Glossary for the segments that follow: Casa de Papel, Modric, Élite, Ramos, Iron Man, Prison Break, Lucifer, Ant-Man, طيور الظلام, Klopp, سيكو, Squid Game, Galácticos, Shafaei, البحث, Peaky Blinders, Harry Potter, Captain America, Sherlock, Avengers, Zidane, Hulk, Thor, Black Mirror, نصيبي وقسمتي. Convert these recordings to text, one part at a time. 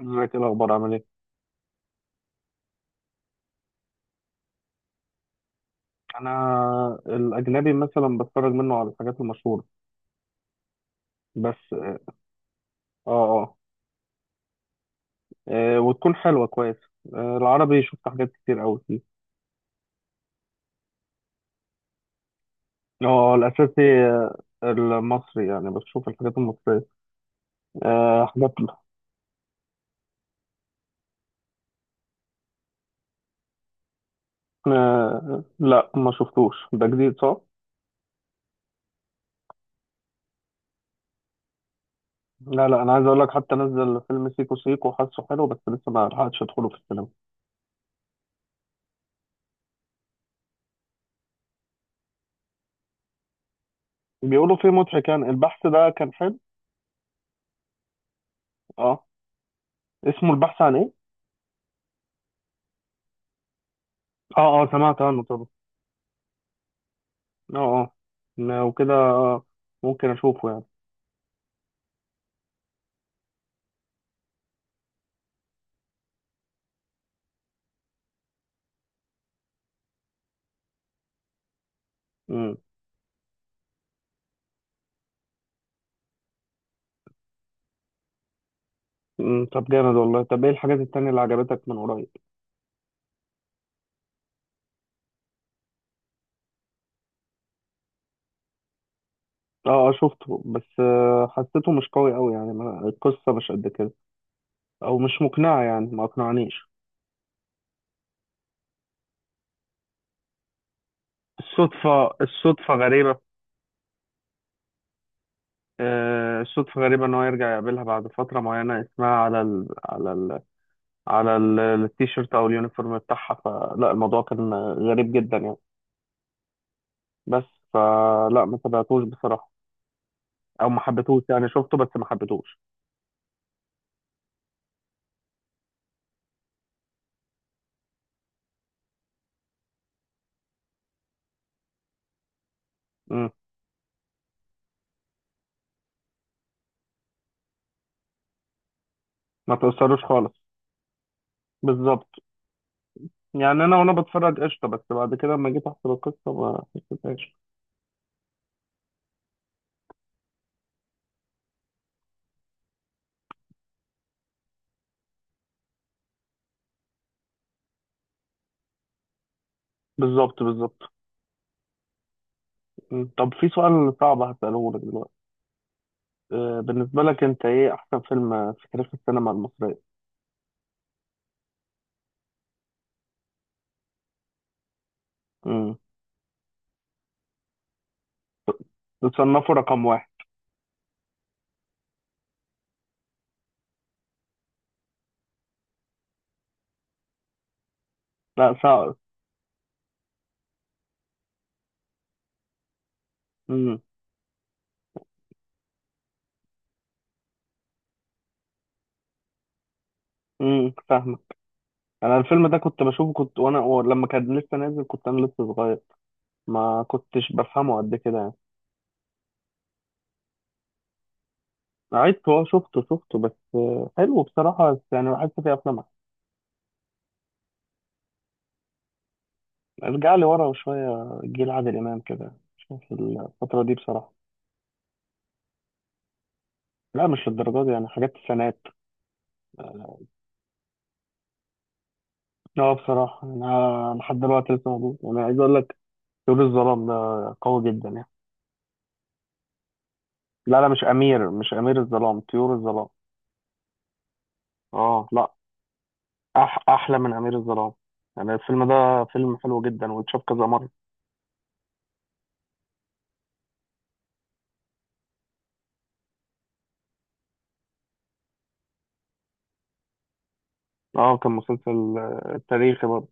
ازيك، ايه الاخبار؟ عامل ايه؟ انا الاجنبي مثلا بتفرج منه على الحاجات المشهوره، بس اه، آه، وتكون حلوه كويس. آه، العربي شفت حاجات كتير قوي فيه. اه الاساسي، المصري يعني بشوف الحاجات المصريه، حاجات. آه، لا، ما شفتوش، ده جديد صح؟ لا لا، انا عايز اقول لك، حتى نزل فيلم سيكو سيكو، حاسه حلو بس لسه ما لحقتش ادخله في السينما. بيقولوا فيه مضحك، يعني البحث ده كان حلو. اه. اسمه البحث عن ايه؟ اه اه، سمعت عنه طبعا. اه اه، وكده. ممكن اشوفه يعني. مم. مم. طب جامد والله، طب ايه الحاجات التانية اللي عجبتك من قريب؟ اه اه، شفته، بس حسيته مش قوي قوي، يعني القصة مش قد كده، او مش مقنعة، يعني ما اقنعنيش. الصدفة غريبة. آه، الصدفة غريبة ان هو يرجع يقابلها بعد فترة معينة اسمها التيشيرت او اليونيفورم بتاعها، فلا الموضوع كان غريب جدا يعني، بس. فلا ما تابعتوش بصراحة، او ما حبيتهوش، يعني شفته بس ما حبيتهوش. مم. ما تأثرش خالص. بالظبط. يعني انا وانا بتفرج قشطه، بس بعد كده لما جيت احسب القصه ما حسيتهاش. بالظبط، بالظبط. مم. طب في سؤال صعب هسأله لك دلوقتي، آه، بالنسبه لك انت ايه احسن فيلم في تاريخ السينما المصريه؟ امم تصنفه رقم واحد؟ لا، صعب. امم فاهمك. انا الفيلم ده كنت بشوفه، كنت وانا، لما كان لسه نازل كنت انا لسه صغير، ما كنتش بفهمه قد كده يعني. عدت، هو شفته بس حلو بصراحه، بس يعني بحس فيه افلام. ارجع لي ورا شوية، جيل عادل إمام كده، شوف الفترة دي بصراحة. لا، مش للدرجة دي، يعني حاجات السنات. اه بصراحة، أنا لحد دلوقتي لسه موجود، أنا عايز أقول لك، طيور الظلام ده قوي جدا يعني. لا لا، مش أمير، مش أمير الظلام، طيور الظلام. اه، لا. أحلى من أمير الظلام، يعني الفيلم ده فيلم حلو جدا، واتشاف كذا مرة. اه كان مسلسل تاريخي برضه،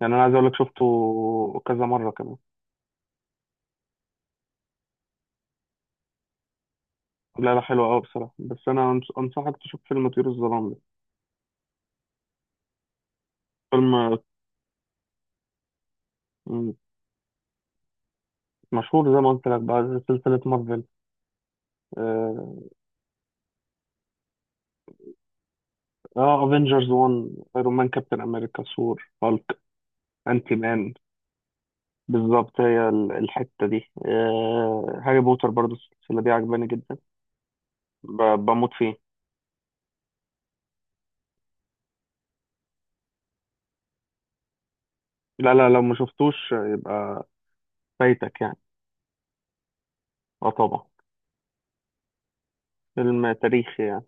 يعني أنا عايز أقول لك، شفته كذا مرة كمان. لا لا، حلو قوي بصراحة، بس أنا أنصحك تشوف فيلم طيور الظلام ده. فيلم. مم. مشهور، زي ما قلت لك بقى، زي سلسلة مارفل، اه افنجرز 1، ايرون مان، كابتن امريكا، ثور، هالك، انتي مان. بالظبط، هي الحتة دي، هاري بوتر برضو السلسلة دي عجباني جدا. ب- بموت فيه. لا لا، لو ما شفتوش يبقى فايتك يعني. اه طبعا. فيلم تاريخي يعني.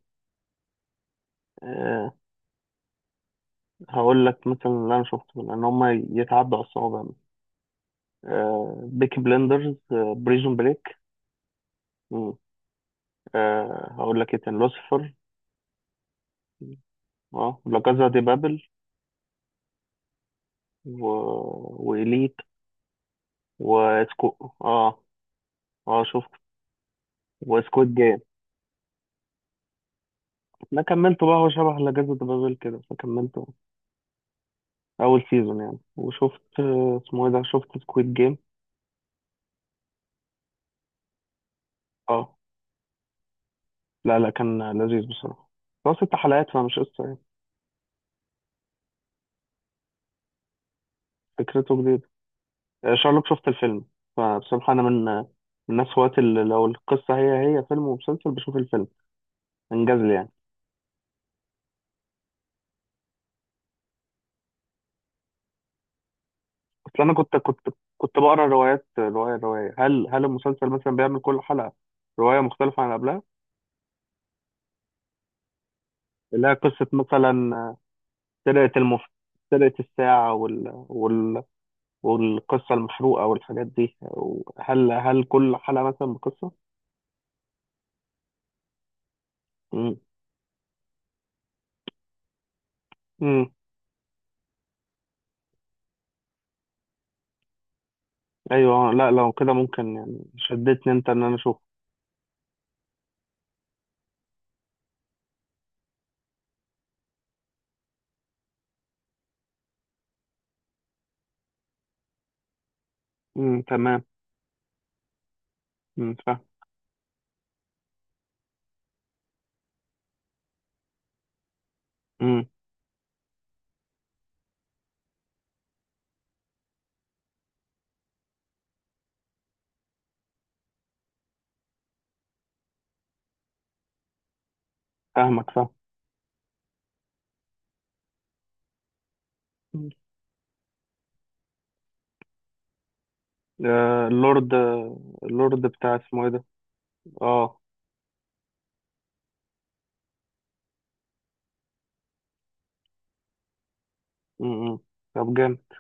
آه. هقول لك مثلا اللي انا شفته، لان هما يتعدوا على الصوابع، بيكي بلندرز، بريزون بريك، هقول لك ايه تاني، لوسيفر. اه، لا كازا دي بابل، و... وإليت، اه. اه شفت، وسكوت جيم. انا كملته بقى، هو شبه لا كازا دي بابل كده، فكملته اول سيزون يعني. وشفت اسمه ايه ده، شفت سكويد جيم. اه. لا لا، كان لذيذ بصراحة، هو ست حلقات فمش قصة يعني. فكرته جديدة. آه، شارلوك شفت الفيلم. فبصراحة انا من الناس هواة اللي لو القصة هي هي فيلم ومسلسل بشوف الفيلم، انجاز لي يعني. اصل انا كنت بقرا روايات، روايه روايه، هل المسلسل مثلا بيعمل كل حلقه روايه مختلفه عن قبلها، اللي هي قصه مثلا، سرقه المف سرقه الساعه، والقصه المحروقه والحاجات دي، هل كل حلقه مثلا بقصه؟ امم امم ايوه، لا، لو كده ممكن يعني، شدتني انت ان انا اشوف. تمام. فاهم. امم فاهمك فاهم. مم. آه، اللورد. اللورد بتاع اسمه ايه ده. اه. امم طب جامد.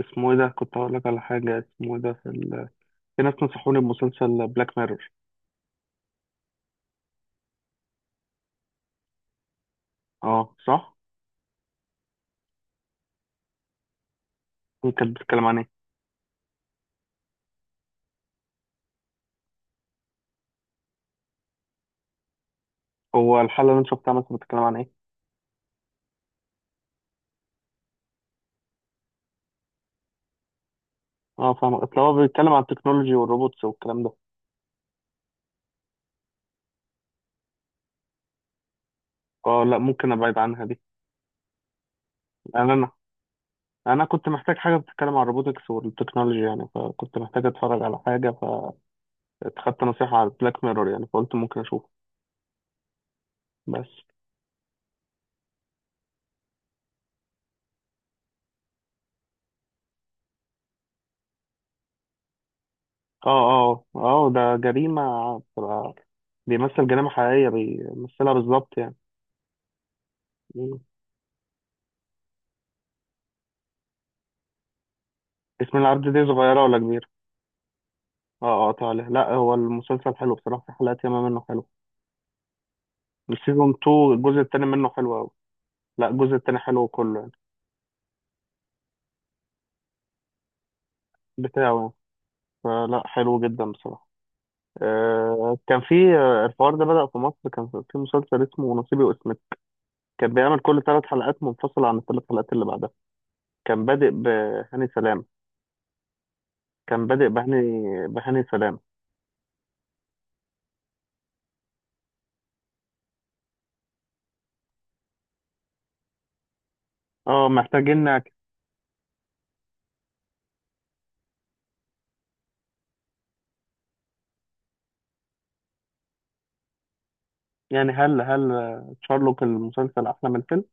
اسمه ايه ده كنت هقول لك على حاجة، اسمه ايه ده في ناس نصحوني بمسلسل بلاك ميرور. اه، صح؟ هي كانت بتتكلم عن ايه؟ هو الحلقة اللي انت شفتها مثلا بتتكلم عن ايه؟ اه فاهم، اصل هو بيتكلم عن التكنولوجي والروبوتس والكلام ده. اه، لا، ممكن ابعد عنها دي. انا انا انا كنت محتاج حاجة بتتكلم عن الروبوتكس والتكنولوجي يعني، فكنت محتاج اتفرج على حاجة، فاتخدت نصيحة على بلاك ميرور، يعني فقلت ممكن اشوفه. بس. اه، اه، اه، ده جريمة بتبقى، بيمثل جريمة حقيقية بيمثلها بالظبط يعني. اسم العبد دي صغيرة ولا كبيرة؟ اه اه، تعالى، لا هو المسلسل حلو بصراحة، في حلقات ياما منه حلو. السيزون 2 الجزء التاني منه حلو أوي. لا، الجزء التاني حلو كله يعني، بتاعه يعني، فلا حلو جدا بصراحة. آه كان في الحوار ده بدأ في مصر، كان في مسلسل اسمه نصيبي وقسمتي، كان بيعمل كل ثلاث حلقات منفصلة عن الثلاث حلقات اللي بعدها، كان بادئ بهاني سلام. كان بادئ بهاني، بهاني سلام. اه محتاجين نعكس. يعني هل شارلوك المسلسل أحلى من الفيلم؟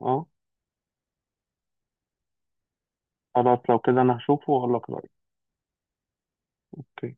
اه. خلاص، لو كده انا هشوفه واقول لك رأيي. اوكي.